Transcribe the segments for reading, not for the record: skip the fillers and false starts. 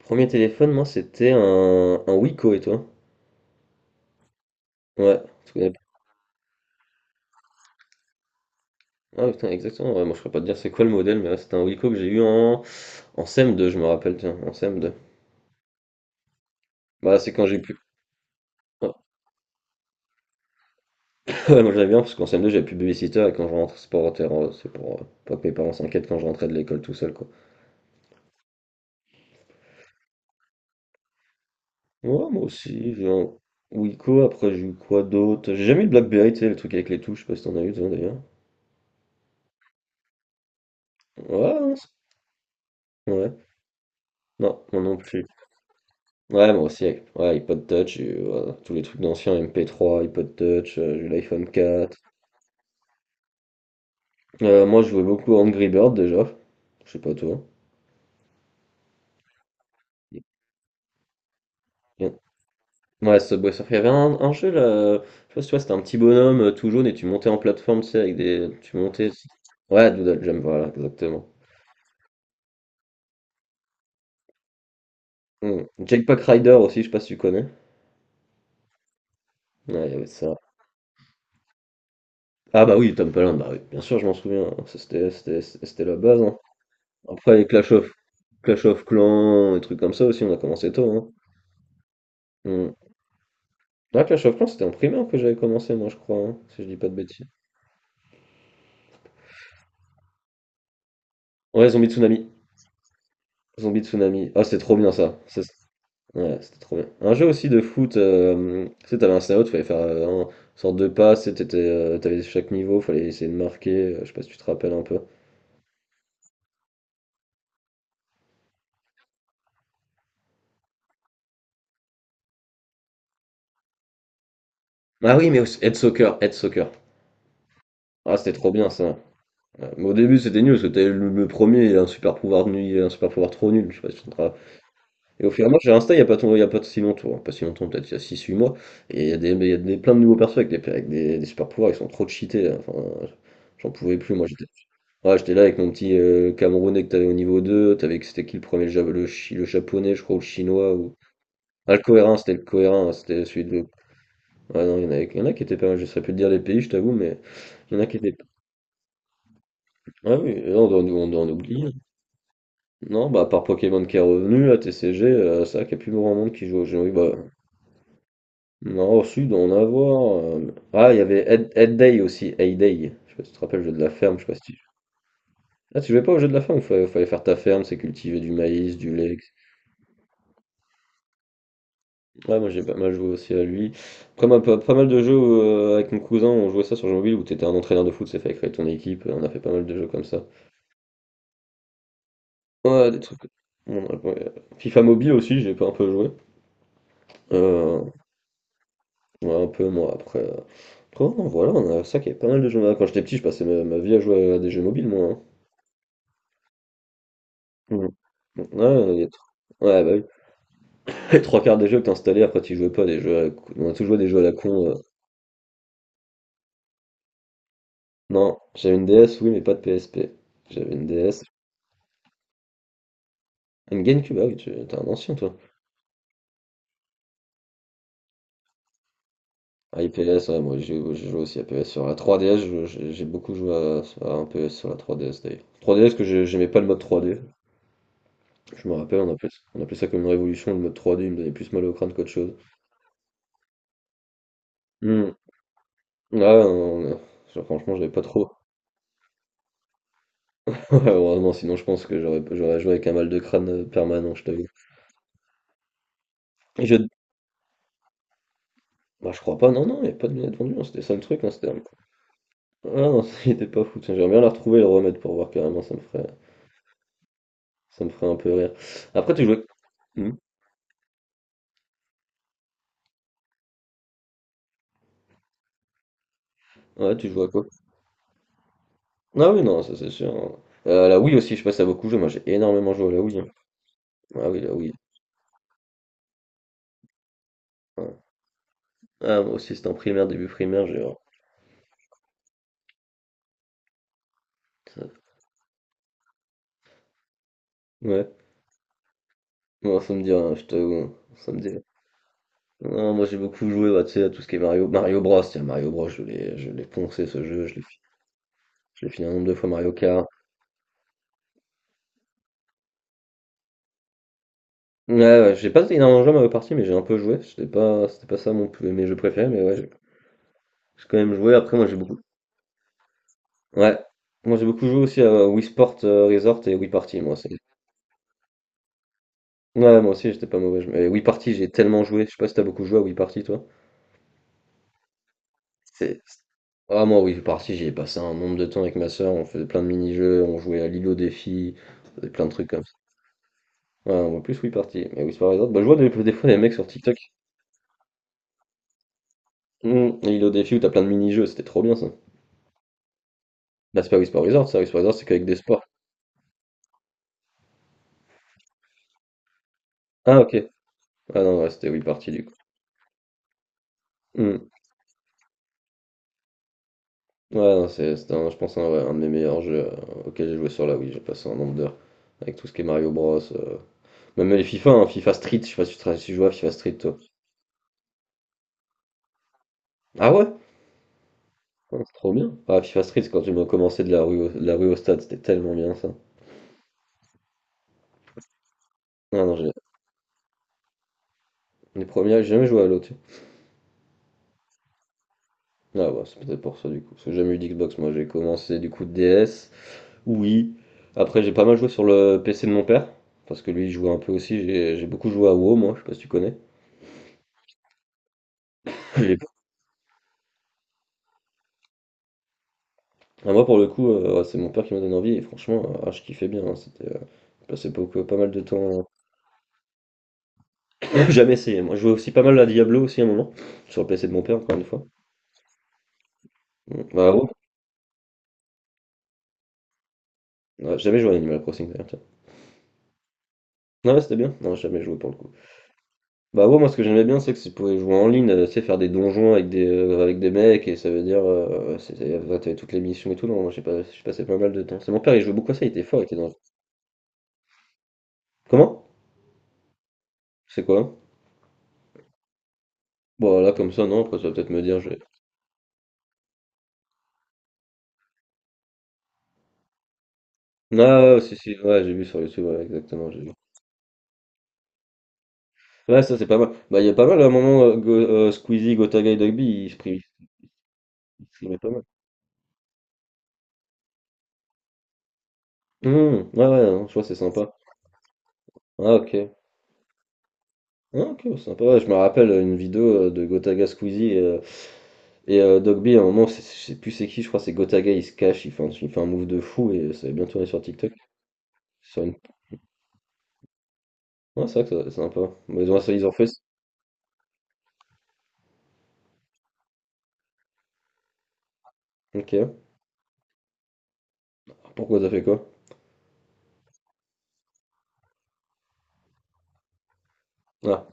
Premier téléphone, moi c'était un Wiko, et toi? Ouais, tu connais pas. Ah putain, exactement, ouais, moi je saurais pas te dire c'est quoi le modèle, mais ouais, c'était un Wiko que j'ai eu en CM2, je me rappelle, tiens, en CM2. Bah c'est quand j'ai plus. Ouais, ouais, moi j'avais bien parce qu'en CM2 j'avais plus de babysitter, et quand je rentre, c'est c'est pour pas que mes parents s'inquiètent quand je rentrais de l'école tout seul quoi. Ouais, moi aussi, j'ai un Wiko. Après, j'ai eu quoi d'autre? J'ai jamais eu de BlackBerry, tu sais, le truc avec les touches, je sais pas si t'en as eu toi d'ailleurs. Ouais, non, ouais. Non, moi non plus. Ouais, moi aussi, avec ouais, iPod Touch, et voilà, tous les trucs d'anciens, MP3, iPod Touch, j'ai eu l'iPhone 4. Moi, je jouais beaucoup à Angry Bird déjà. Je sais pas toi. Bien. Ouais, Subway Surfer. Il y avait un jeu là, je sais pas si tu vois, c'était un petit bonhomme tout jaune et tu montais en plateforme, tu sais, avec des. Tu montais. Ouais, Doodle Jump, voilà, exactement. Hmm. Jetpack Rider aussi, je sais pas si tu connais. Ouais, il y avait ça. Ah bah oui, Tom Palin, bah oui, bien sûr, je m'en souviens. Ça, c'était la base, hein. Après, Clash of Clans, et trucs comme ça aussi, on a commencé tôt, hein. Hmm. Ah, Clash of Clans, c'était en primaire que j'avais commencé, moi, je crois, hein, si je dis pas de bêtises. Ouais, Zombie Tsunami. Zombie Tsunami. Ah, c'était trop bien ça. Ouais, c'était trop bien. Un jeu aussi de foot, tu sais, t'avais un scout, fallait faire une sorte de passe, et t'avais chaque niveau, fallait essayer de marquer, je sais pas si tu te rappelles un peu. Ah oui, mais aussi Head Soccer, Head Soccer. Ah, c'était trop bien ça. Ouais, mais au début, c'était nul, parce que t'avais le premier, il a un super pouvoir nul, il a un super pouvoir trop nul, je sais pas si tu te rappelles. Et au fur et à mesure, j'ai Insta, il n'y a pas, il y a pas si longtemps, hein, pas si longtemps, peut-être il y a six huit mois, et il y a des- plein de nouveaux persos avec des super pouvoirs, ils sont trop cheatés, hein, enfin, j'en pouvais plus, moi j'étais ouais, j'étais là avec mon petit Camerounais que t'avais au niveau 2 t'avais, c'était qui le premier, le japonais, je crois, ou le chinois, ou... Ah, le cohérent, c'était le cohérent, hein, c'était celui de... Ah non, il y en a qui étaient pas mal, je saurais plus te dire les pays, je t'avoue, mais il y en a qui étaient... Ah oui, et on doit en oublier. Non, bah à part Pokémon qui est revenu, à TCG, c'est vrai qu'il n'y a plus grand monde qui joue aux jeux. Oui, bah, non, si, d'en avoir, Ah, il y avait Hay Day. Je sais pas si tu te rappelles, le jeu de la ferme, je sais pas si tu... Ah, tu jouais pas au jeu de la ferme, fallait faire ta ferme, c'est cultiver du maïs, du lait, etc. Ouais, moi j'ai pas mal joué aussi à lui. Après, pas mal de jeux avec mon cousin, on jouait ça sur jeu mobile où t'étais un entraîneur de foot, c'est fait créer ton équipe, on a fait pas mal de jeux comme ça. Ouais, des trucs. Ouais. FIFA Mobile aussi, j'ai pas un peu joué. Euh, ouais, un peu moi après, Après, non, voilà, on a ça qui est pas mal de jeux. Quand j'étais petit, je passais ma vie à jouer à des jeux mobiles, moi, hein. Mmh. Mmh. Ouais, il y a tr ouais, bah oui. Les 3 quarts des jeux que t'installais, après tu jouais pas, des jeux à la con. On a tous joué des jeux à la con, Non, j'avais une DS, oui, mais pas de PSP. J'avais une DS. Une GameCube, ah oui, t'es un ancien toi. Ah, et PS, ouais, moi j'ai joué aussi à PS sur la 3DS, j'ai beaucoup joué à un PS sur la 3DS d'ailleurs. 3DS que j'aimais pas le mode 3D, je me rappelle, on appelait ça comme une révolution, le mode 3D, il me donnait plus mal au crâne qu'autre chose. Hmm. Ouais, non. Genre, franchement, j'avais pas trop. Ouais, heureusement, sinon je pense que j'aurais joué avec un mal de crâne permanent, je t'avoue. Et je... Bah, je crois pas, non, non, il n'y a pas de lunettes vendues, hein, c'était ça le truc, hein, Ah non, il était pas fou, tiens, j'aimerais bien la retrouver et le remettre pour voir carrément, ça me ferait un peu rire. Après, tu jouais... Hmm. Ouais, tu jouais à quoi? Ah oui, non, ça c'est sûr, hein. La Wii aussi, je passe à beaucoup jouer, moi j'ai énormément joué à la Wii, hein. Ah oui, la Wii. Ouais. Ah, moi aussi, c'était en primaire, début primaire, j'ai... Ouais, moi ça me dit rien, je t'avoue, ça me dit. Non, moi j'ai beaucoup joué bah, tu sais, à tout ce qui est Mario, Mario Bros. Tiens, Mario Bros, je l'ai poncé ce jeu, je l'ai fini un nombre de fois Mario Kart. Ouais, ouais, j'ai pas énormément joué à Mario Party, mais j'ai un peu joué. C'était pas ça mes jeux préférés, mais ouais, j'ai quand même joué. Après, moi j'ai beaucoup. Ouais, moi j'ai beaucoup joué aussi à Wii Sport Resort et Wii Party, moi, Ouais, moi aussi j'étais pas mauvais. Et Wii Party, j'ai tellement joué. Je sais pas si t'as beaucoup joué à Wii Party, toi. C'est. Ah, moi, oui, parti, j'y ai passé un nombre de temps avec ma soeur, on faisait plein de mini-jeux, on jouait à l'îlot défi, on faisait plein de trucs. Ah, en plus, Wii Party Mais Wii Whisper Resort, bah, je vois des fois des mecs sur TikTok. Hmm, et Île au défi où t'as plein de mini-jeux, c'était trop bien ça. Bah, c'est pas Wii Whisper Resort, ça, Whisper Resort, c'est qu'avec des sports. Ah, ok. Ah non, ouais, c'était Wii Party du coup. Hmm. Ouais, non, je pense, ouais, un de mes meilleurs jeux auxquels j'ai joué sur la Wii. J'ai passé un nombre d'heures avec tout ce qui est Mario Bros, même les FIFA, hein, FIFA Street, je sais pas si si tu joues à FIFA Street toi. Ah ouais? Ah, c'est trop bien. Ah, FIFA Street, c'est quand tu m'as commencé de la rue au stade, c'était tellement bien ça. Ah non, j'ai les premiers, j'ai jamais joué à l'autre. Ah bah, c'est peut-être pour ça du coup. Parce que j'ai jamais eu d'Xbox, moi j'ai commencé du coup DS, oui. Après j'ai pas mal joué sur le PC de mon père, parce que lui il jouait un peu aussi, j'ai beaucoup joué à WoW moi, je sais pas si tu connais. J'ai- Ah, moi pour le coup, ouais, c'est mon père qui m'a donné envie, et franchement, ah, je kiffais bien, hein, c'était je passais beaucoup, pas mal de temps. J'ai jamais essayé, moi je jouais aussi pas mal à Diablo aussi à un moment, sur le PC de mon père encore une fois. Mm. Bah ouais. Ouais, j'ai jamais joué à Animal Crossing d'ailleurs, tiens. Non, ouais, c'était bien, non, j'ai jamais joué pour le coup. Bah ouais, moi ce que j'aimais bien c'est que tu pouvais jouer en ligne, tu sais, faire des donjons avec des mecs et ça veut dire, c'était, ouais, t'avais toutes les missions et tout, non, moi j'ai pas, j'ai passé pas mal de temps. C'est mon père, il jouait beaucoup à ça, il était fort, il était dans... Comment? C'est quoi? Bon là comme ça, non, après ça va peut-être me dire, je... Ah ouais, si si, ouais, j'ai vu sur YouTube, ouais, exactement, j'ai vu. Ouais, ça c'est pas mal. Bah il y a pas mal à un moment, Squeezie, Gotaga et Dogby, ils streamaient pas mal. Ouais ouais, non, je vois, c'est sympa. Ah ok. Ah, ok, sympa. Ouais, je me rappelle une vidéo de Gotaga Squeezie et, Doc B, à un moment, je sais plus c'est qui, je crois, que c'est Gotaga, il se cache, il fait un move de fou et ça va bien tourner sur TikTok. Sur une... Ouais, c'est vrai que c'est sympa. Bah, ils ont ça, ils ont fait. Ok. Pourquoi t'as fait quoi? Ah,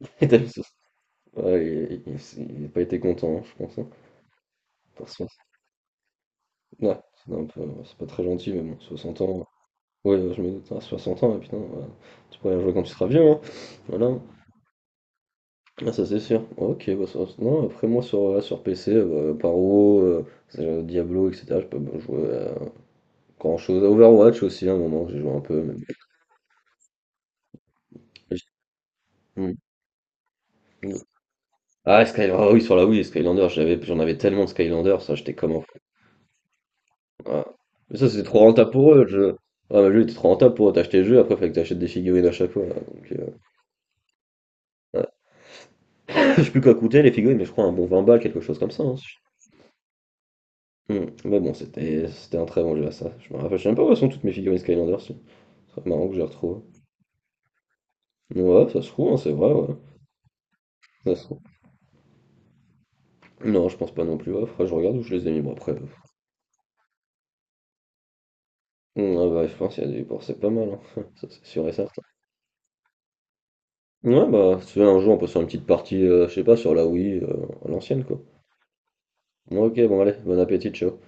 et t'as mis ça. Ouais, il a pas été content, hein, je pense, hein. Par so- Ouais, c'est pas très gentil, mais bon, 60 ans. Ouais, ouais, je me doute, à 60 ans, ouais, putain, ouais, tu pourrais jouer quand tu seras vieux, hein. Voilà. Ah, ça c'est sûr. Ok, bah, non, après moi sur, sur PC, Paro, Diablo, etc. Je peux bah, jouer à grand chose. Overwatch aussi, à un moment, j'ai joué un peu. Mais... Hmm. Ah, Skylander, ah oui, sur la Wii, Skylander, j'en avais tellement de Skylander, ça j'étais comme un fou. Ah. Mais ça c'était trop rentable pour eux. Le jeu. Ouais, mais le jeu était trop rentable pour eux. T'achetais le jeu, après fallait que t'achètes des figurines à chaque fois là, donc, ouais. Je sais plus quoi coûter les figurines, mais je crois un bon 20 balles, quelque chose comme ça, hein, si. Hmm. Mais bon, c'était un très bon jeu à ça. Je me rappelle, je sais même pas où elles sont toutes mes figurines Skylander. Très marrant que je les retrouve. Ouais, ça se trouve, hein, c'est vrai, ouais. Ça se trouve. Non, je pense pas non plus. Ouais, faudrait que je regarde où je les ai mis. Bon, après, ouais, bah, je pense qu'il y a des dépenses, c'est pas mal, hein. Ça, c'est sûr et certain. Ouais, bah, si tu veux, un jour, on peut se faire une petite partie, je sais pas, sur la Wii, à l'ancienne, quoi. Ouais, ok, bon, allez, bon appétit, ciao.